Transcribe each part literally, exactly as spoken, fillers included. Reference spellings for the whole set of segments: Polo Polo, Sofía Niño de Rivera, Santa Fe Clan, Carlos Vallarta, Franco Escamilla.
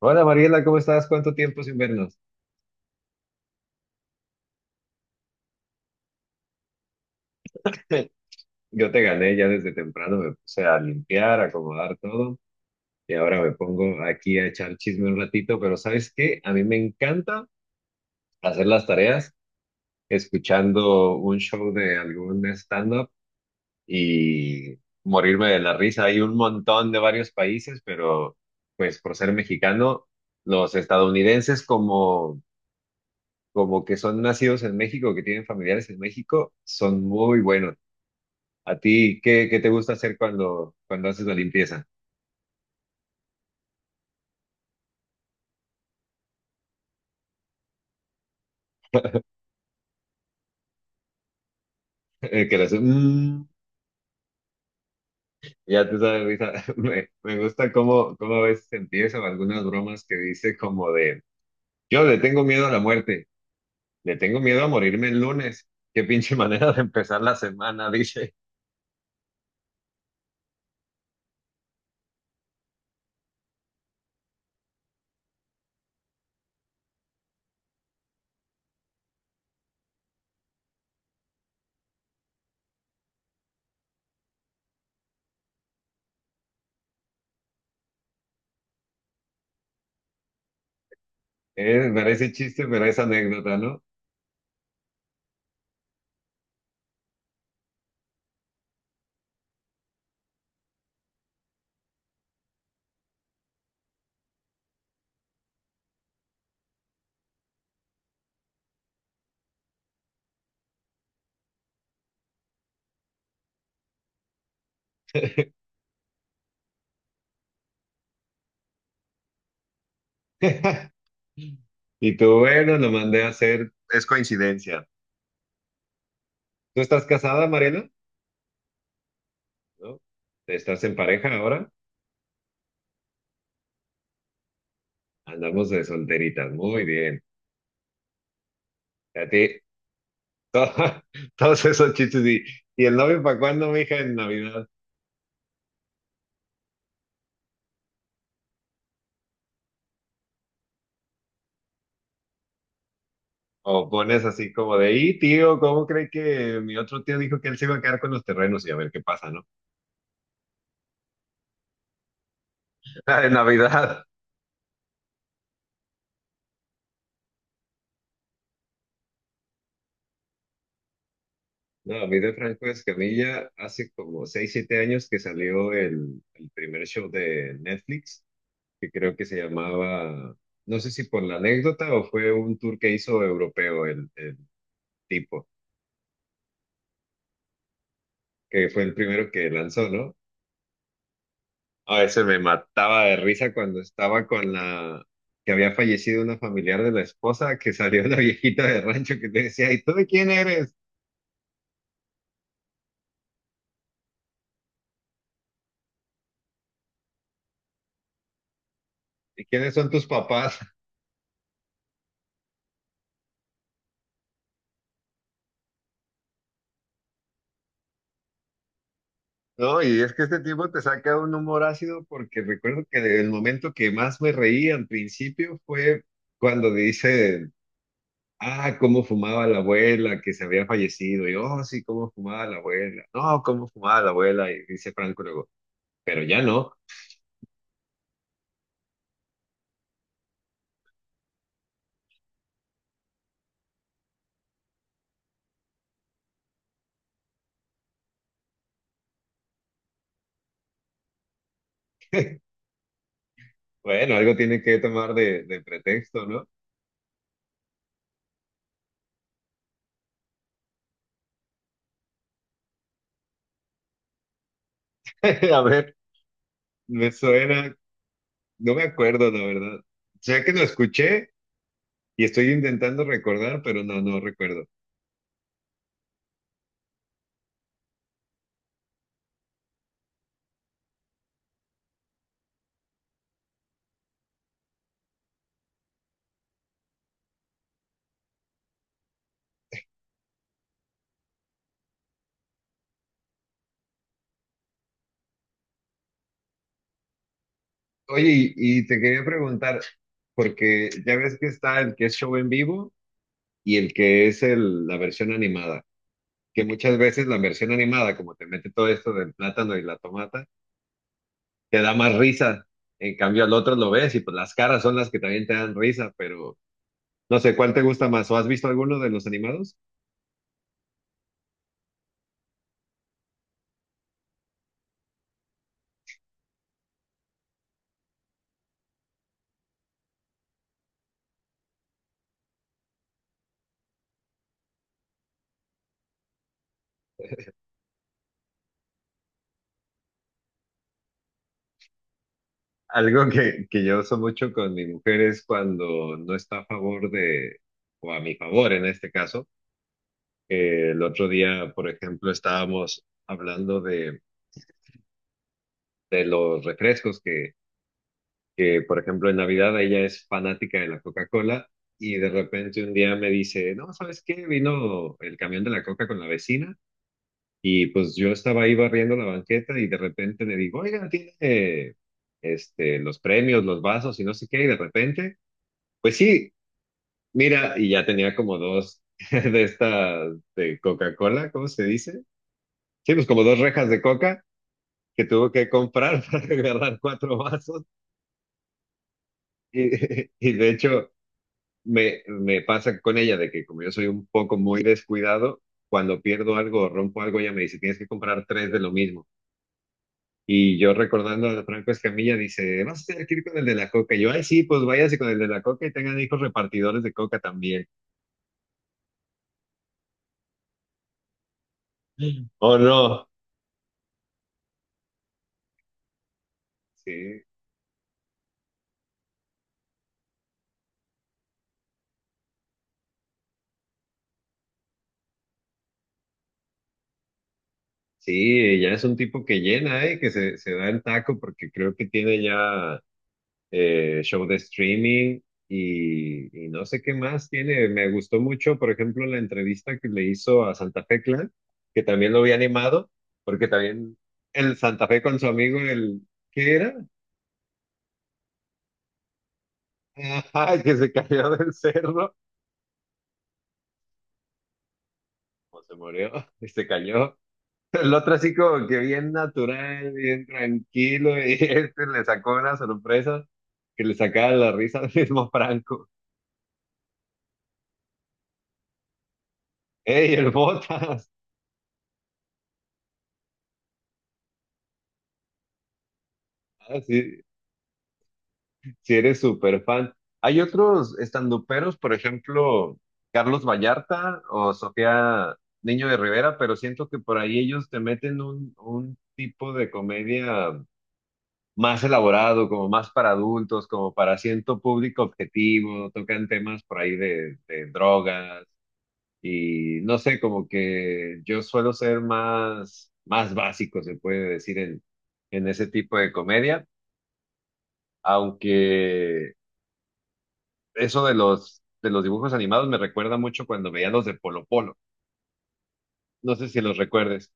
Hola Mariela, ¿cómo estás? ¿Cuánto tiempo sin vernos? Yo te gané ya desde temprano, me puse a limpiar, a acomodar todo y ahora me pongo aquí a echar chisme un ratito, pero ¿sabes qué? A mí me encanta hacer las tareas escuchando un show de algún stand-up y morirme de la risa. Hay un montón de varios países, pero pues por ser mexicano, los estadounidenses como, como que son nacidos en México, que tienen familiares en México, son muy buenos. ¿A ti qué, qué te gusta hacer cuando, cuando haces la limpieza? Eh, Que le haces, "Mm", ya te sabes, risa. Me, me gusta cómo, cómo a veces empieza o algunas bromas que dice como de, yo le tengo miedo a la muerte, le tengo miedo a morirme el lunes. Qué pinche manera de empezar la semana, dice. Eh, parece chiste, pero es anécdota, ¿no? Y tú, bueno, lo mandé a hacer, es coincidencia. ¿Tú estás casada, Mariana? ¿No? ¿Estás en pareja ahora? Andamos de solteritas, muy bien. A ti, todo- todos esos chistes y, ¿y el novio para cuándo, mija, en Navidad? O pones así como de, y tío, ¿cómo cree que mi otro tío dijo que él se iba a quedar con los terrenos y a ver qué pasa?, ¿no? En Navidad. No, a mí de Franco Escamilla hace como seis siete años que salió el, el primer show de Netflix, que creo que se llamaba, no sé si por la anécdota o fue un tour que hizo europeo el, el tipo, que fue el primero que lanzó, ¿no? A veces me mataba de risa cuando estaba con la que había fallecido una familiar de la esposa, que salió la viejita de rancho que te decía, ¿y tú de quién eres? ¿Y quiénes son tus papás? No, y es que este tipo te saca un humor ácido porque recuerdo que el momento que más me reí al principio fue cuando dice, ah, cómo fumaba la abuela, que se había fallecido, y oh, sí, cómo fumaba la abuela, no, cómo fumaba la abuela, y dice Franco luego, pero ya no. Bueno, algo tienen que tomar de, de pretexto, ¿no? A ver, me suena, no me acuerdo, la verdad. Sé que lo escuché y estoy intentando recordar, pero no, no recuerdo. Oye, y, y te quería preguntar, porque ya ves que está el que es show en vivo y el que es el, la versión animada, que muchas veces la versión animada, como te mete todo esto del plátano y la tomata, te da más risa. En cambio, al otro lo ves y pues las caras son las que también te dan risa, pero no sé, ¿cuál te gusta más? ¿O has visto alguno de los animados? Algo que, que yo uso mucho con mi mujer es cuando no está a favor de, o a mi favor en este caso, que el otro día, por ejemplo, estábamos hablando de, de los refrescos que, que, por ejemplo, en Navidad ella es fanática de la Coca-Cola y de repente un día me dice, no, ¿sabes qué? Vino el camión de la Coca con la vecina y pues yo estaba ahí barriendo la banqueta y de repente le digo, oigan, tiene eh, este, los premios, los vasos y no sé qué, y de repente... Pues sí, mira, y ya tenía como dos de estas de Coca-Cola, ¿cómo se dice? Sí, pues como dos rejas de coca que tuvo que comprar para agarrar cuatro vasos. Y, y de hecho, me, me pasa con ella de que como yo soy un poco muy descuidado, cuando pierdo algo o rompo algo, ella me dice, tienes que comprar tres de lo mismo. Y yo recordando a Franco Escamilla, dice, vas a tener que ir con el de la coca. Y yo, ay, sí, pues váyase con el de la coca y tengan hijos repartidores de coca también. ¿O no? Sí, sí, ya es un tipo que llena, ¿eh? Que se, se da el taco porque creo que tiene ya eh, show de streaming y, y no sé qué más tiene. Me gustó mucho, por ejemplo, la entrevista que le hizo a Santa Fe Clan, que también lo había animado, porque también el Santa Fe con su amigo, el, ¿qué era? Ajá, que se cayó del cerro, o se murió, y se cayó. El otro así como que bien natural, bien tranquilo, y este le sacó una sorpresa que le sacaba la risa al mismo Franco. ¡Ey, el Botas! Ah, sí, sí eres súper fan. Hay otros estanduperos, por ejemplo, Carlos Vallarta o Sofía Niño de Rivera, pero siento que por ahí ellos te meten un, un tipo de comedia más elaborado, como más para adultos, como para asiento público objetivo, tocan temas por ahí de, de drogas. Y no sé, como que yo suelo ser más, más básico, se puede decir, en, en ese tipo de comedia, aunque eso de los, de los dibujos animados me recuerda mucho cuando veía los de Polo Polo. No sé si los recuerdes.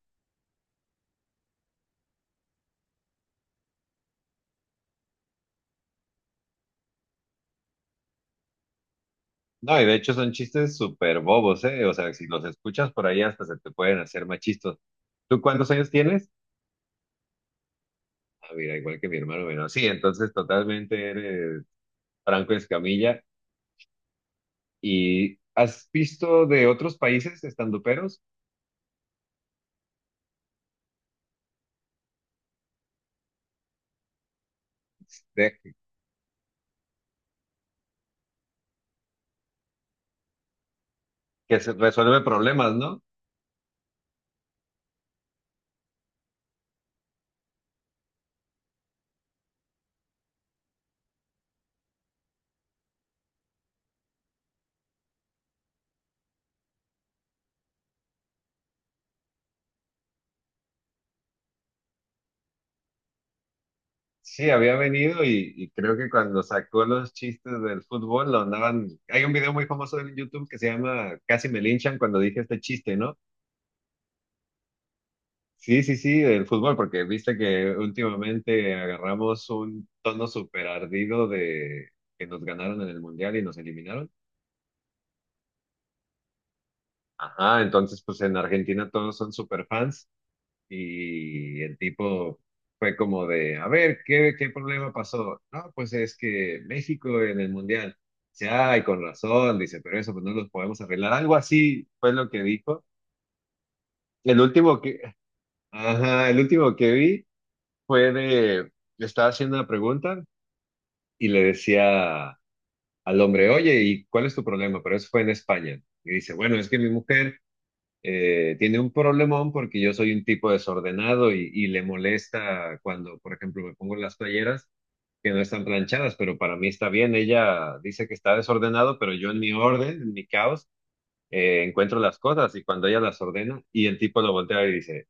No, y de hecho son chistes súper bobos, ¿eh? O sea, si los escuchas por ahí hasta se te pueden hacer más chistos. ¿Tú cuántos años tienes? Ah, mira, igual que mi hermano menor. Sí, entonces totalmente eres Franco Escamilla. ¿Y has visto de otros países estandoperos? de- que se resuelve problemas, ¿no? Sí, había venido y, y creo que cuando sacó los chistes del fútbol lo andaban. Hay un video muy famoso en YouTube que se llama Casi me linchan cuando dije este chiste, ¿no? Sí, sí, sí, del fútbol, porque viste que últimamente agarramos un tono súper ardido de que nos ganaron en el Mundial y nos eliminaron. Ajá, entonces pues en Argentina todos son súper fans. Y el tipo fue como de, a ver, ¿qué, qué problema pasó? No, pues es que México en el Mundial. Dice, ay, con razón, dice, pero eso pues no los podemos arreglar. Algo así fue lo que dijo. El último que, ajá, el último que vi fue de, le estaba haciendo una pregunta y le decía al hombre, oye, ¿y cuál es tu problema? Pero eso fue en España. Y dice, bueno, es que mi mujer eh, tiene un problemón porque yo soy un tipo desordenado y, y le molesta cuando, por ejemplo, me pongo las playeras que no están planchadas, pero para mí está bien. Ella dice que está desordenado, pero yo en mi orden, en mi caos, eh, encuentro las cosas y cuando ella las ordena y el tipo lo voltea y dice,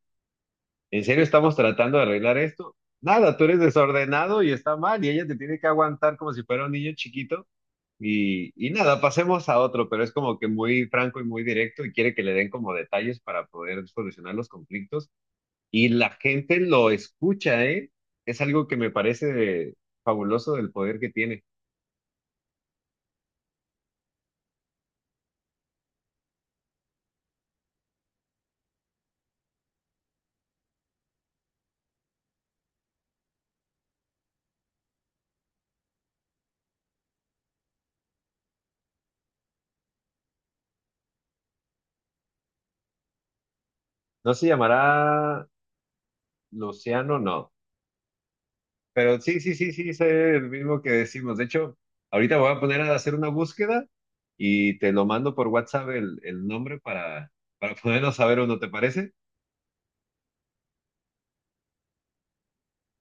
¿en serio estamos tratando de arreglar esto? Nada, tú eres desordenado y está mal y ella te tiene que aguantar como si fuera un niño chiquito y, y nada, pasemos a otro, pero es como que muy franco y muy directo y quiere que le den como detalles para poder solucionar los conflictos. Y la gente lo escucha, ¿eh? Es algo que me parece fabuloso del poder que tiene. No se llamará Luciano, no. Pero sí, sí, sí, sí, es el mismo que decimos. De hecho, ahorita voy a poner a hacer una búsqueda y te lo mando por WhatsApp el, el nombre para, para podernos saber uno, ¿te parece?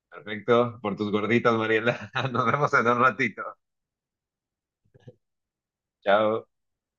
Perfecto, por tus gorditas, Mariela. Nos vemos en un ratito. Chao.